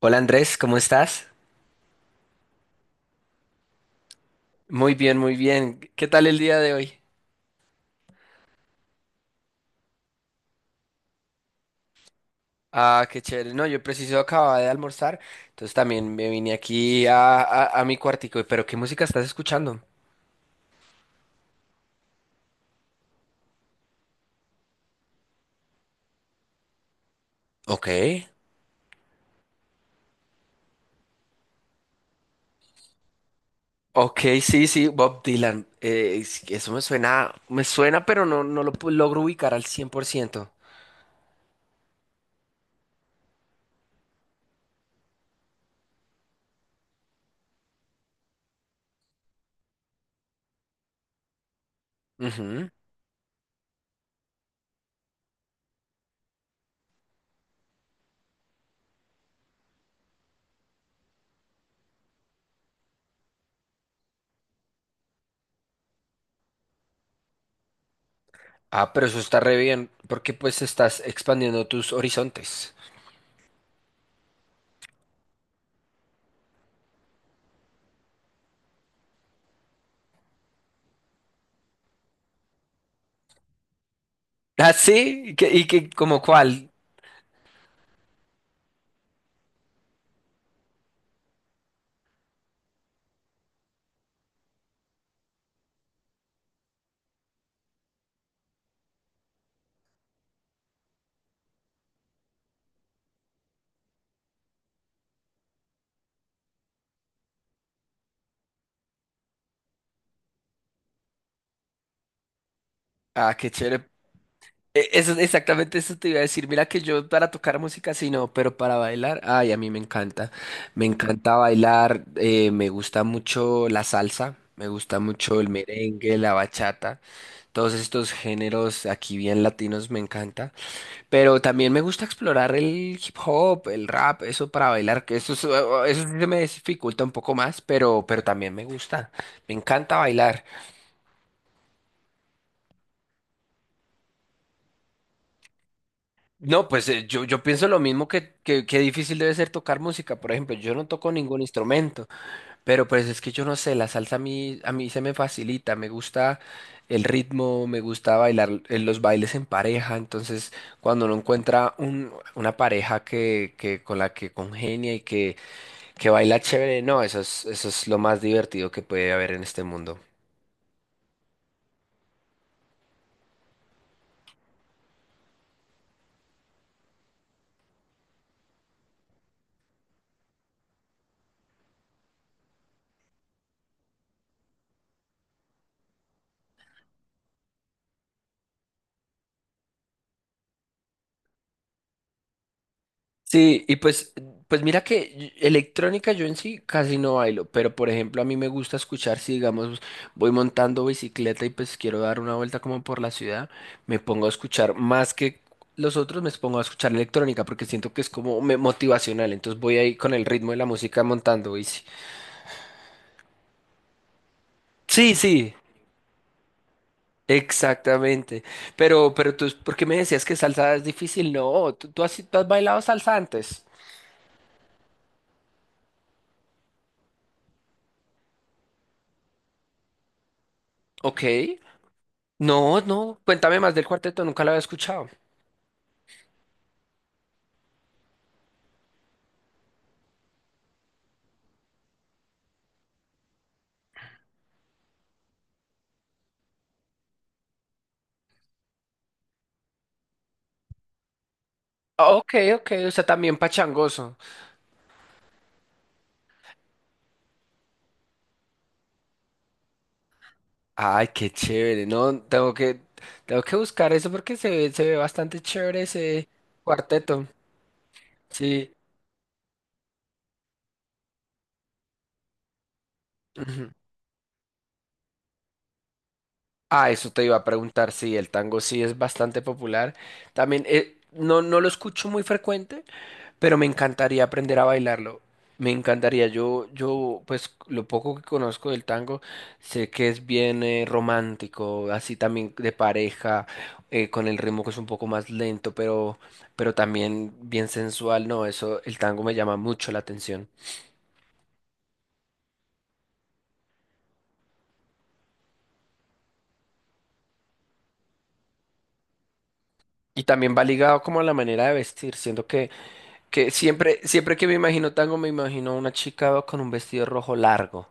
Hola Andrés, ¿cómo estás? Muy bien, muy bien. ¿Qué tal el día de hoy? Ah, qué chévere. No, yo preciso acababa de almorzar, entonces también me vine aquí a mi cuartico. Pero ¿qué música estás escuchando? Ok. Ok, sí, sí, Bob Dylan. Eso me suena, pero no, no logro ubicar al cien por ciento. Ujú. Ah, pero eso está re bien, porque pues estás expandiendo tus horizontes. Ah, sí, ¿ como cuál? Ah, qué chévere. Eso, exactamente eso te iba a decir. Mira que yo para tocar música sí no, pero para bailar, ay, a mí me encanta. Me encanta bailar, me gusta mucho la salsa, me gusta mucho el merengue, la bachata, todos estos géneros aquí bien latinos me encanta. Pero también me gusta explorar el hip hop, el rap, eso para bailar, eso sí se me dificulta un poco más, pero también me gusta. Me encanta bailar. No, pues yo, yo pienso lo mismo que difícil debe ser tocar música. Por ejemplo, yo no toco ningún instrumento, pero pues es que yo no sé, la salsa a mí se me facilita, me gusta el ritmo, me gusta bailar los bailes en pareja. Entonces, cuando uno encuentra una pareja que con la que congenia y que baila chévere, no, eso es lo más divertido que puede haber en este mundo. Sí, y pues, pues mira que electrónica yo en sí casi no bailo, pero por ejemplo a mí me gusta escuchar si digamos voy montando bicicleta y pues quiero dar una vuelta como por la ciudad, me pongo a escuchar más que los otros, me pongo a escuchar electrónica porque siento que es como motivacional, entonces voy ahí con el ritmo de la música montando bici. Sí, sí, exactamente. Pero tú, ¿por qué me decías que salsa es difícil? No, tú, tú has bailado salsa antes. Ok. No, no, cuéntame más del cuarteto, nunca lo había escuchado. Ah, Ok, ok, o sea, también pachangoso. Ay, qué chévere, no, tengo que buscar eso porque se ve bastante chévere ese cuarteto. Sí. Ujú. Ah, eso te iba a preguntar, sí, el tango sí es bastante popular. También, no, no lo escucho muy frecuente, pero me encantaría aprender a bailarlo. Me encantaría. Pues lo poco que conozco del tango, sé que es bien romántico, así también de pareja, con el ritmo que es un poco más lento, pero también bien sensual. No, eso, el tango me llama mucho la atención. Y también va ligado como a la manera de vestir, siento que siempre, siempre que me imagino tango, me imagino a una chica con un vestido rojo largo.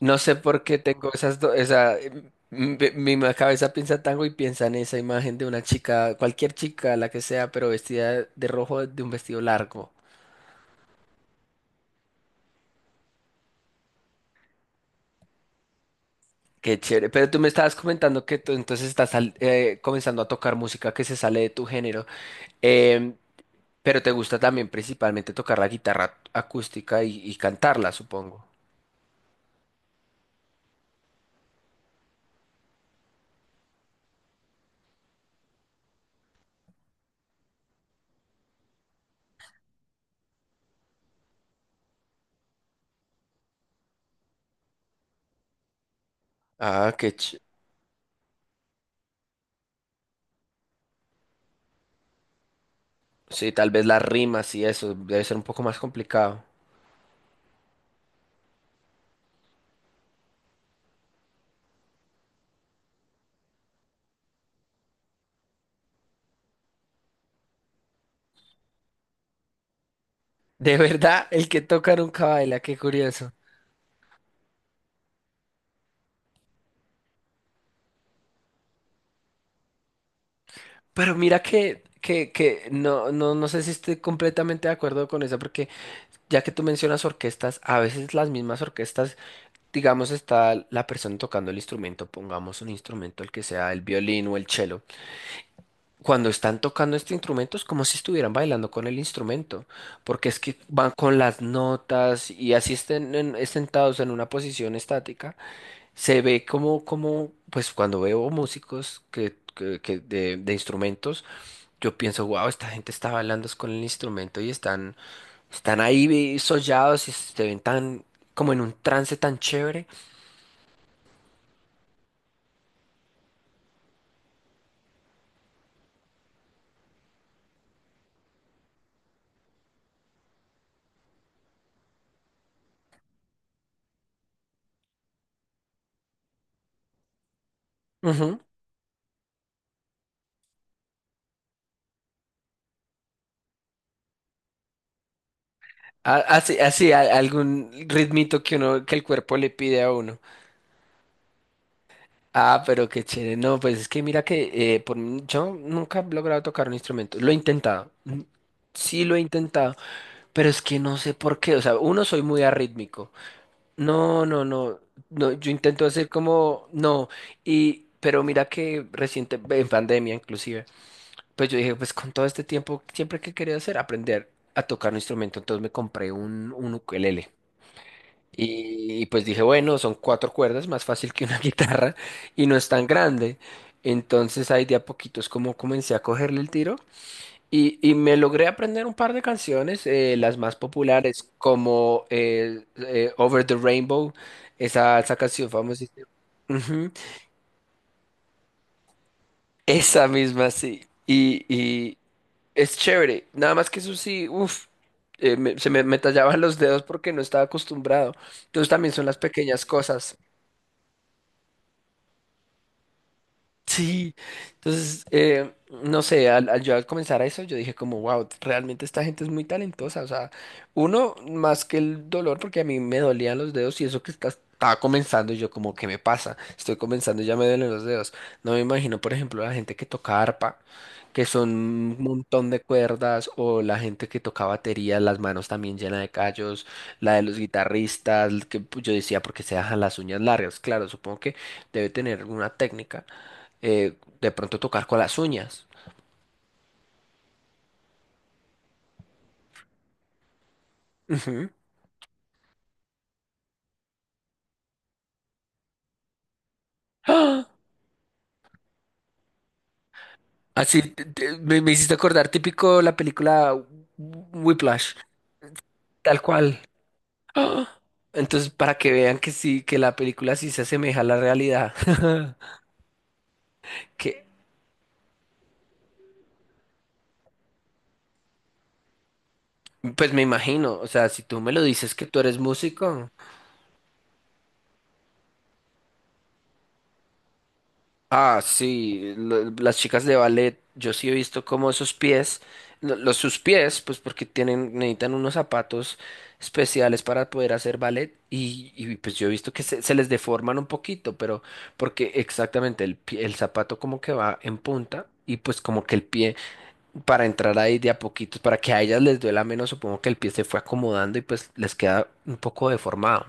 No sé por qué tengo esas dos, esa, mi, cabeza piensa tango y piensa en esa imagen de una chica, cualquier chica, la que sea, pero vestida de rojo de un vestido largo. Qué chévere. Pero tú me estabas comentando que tú entonces estás comenzando a tocar música que se sale de tu género, Em, pero te gusta también principalmente tocar la guitarra acústica y cantarla, supongo. Ah, qué chévere. Sí, tal vez las rimas y eso debe ser un poco más complicado. De verdad, el que toca nunca baila, qué curioso. Pero mira que no, no, no sé si estoy completamente de acuerdo con eso, porque ya que tú mencionas orquestas, a veces las mismas orquestas, digamos, está la persona tocando el instrumento, pongamos un instrumento, el que sea el violín o el cello. Cuando están tocando este instrumento es como si estuvieran bailando con el instrumento, porque es que van con las notas y así estén sentados en una posición estática se ve como, como, pues cuando veo músicos que, de instrumentos, yo pienso, wow, esta gente está bailando es con el instrumento y están, están ahí sollados y se ven tan, como en un trance tan chévere. Ujú. Así, así, algún ritmito que uno, que el cuerpo le pide a uno. Ah, pero qué chévere. No, pues es que mira que por, yo nunca he logrado tocar un instrumento. Lo he intentado. Mm, sí lo he intentado. Pero es que no sé por qué. O sea, uno soy muy arrítmico. No, no, no, no, yo intento hacer como, no, y, pero mira que reciente, en pandemia inclusive, pues yo dije, pues con todo este tiempo, siempre que quería hacer, aprender a tocar un instrumento, entonces me compré un ukelele. Y pues dije, bueno, son cuatro cuerdas, más fácil que una guitarra, y no es tan grande. Entonces ahí de a poquitos como comencé a cogerle el tiro. Y me logré aprender un par de canciones, las más populares, como Over the Rainbow, esa canción famosísima. Ujú, esa misma, sí. Y es chévere. Nada más que eso sí, uff, me tallaban los dedos porque no estaba acostumbrado. Entonces también son las pequeñas cosas. Sí, entonces, no sé, al yo al comenzar a eso, yo dije como, wow, realmente esta gente es muy talentosa, o sea, uno, más que el dolor, porque a mí me dolían los dedos y eso que estaba comenzando, y yo como, ¿qué me pasa? Estoy comenzando y ya me duelen los dedos. No me imagino, por ejemplo, la gente que toca arpa, que son un montón de cuerdas, o la gente que toca batería, las manos también llenas de callos, la de los guitarristas, que pues, yo decía, porque se dejan las uñas largas, claro, supongo que debe tener alguna técnica de pronto tocar con las uñas. Ujú. ¡Ah! Así me, me hiciste acordar, típico la película Whiplash, tal cual. ¡Ah! Entonces, para que vean que sí, que la película sí se asemeja a la realidad. Que, pues me imagino, o sea, si tú me lo dices que tú eres músico. Ah, sí, las chicas de ballet, yo sí he visto cómo esos pies, los sus pies, pues porque tienen, necesitan unos zapatos especiales para poder hacer ballet y pues yo he visto que se les deforman un poquito, pero porque exactamente el zapato como que va en punta y pues como que el pie para entrar ahí de a poquitos, para que a ellas les duela menos, supongo que el pie se fue acomodando y pues les queda un poco deformado.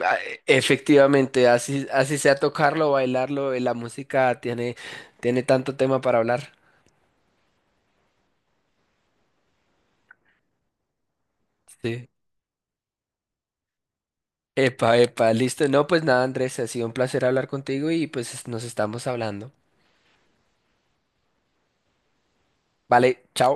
Ah, efectivamente, así, así sea tocarlo, bailarlo, la música tiene, tiene tanto tema para hablar. Sí. Epa, epa, listo. No, pues nada, Andrés, ha sido un placer hablar contigo y pues nos estamos hablando. Vale, chao.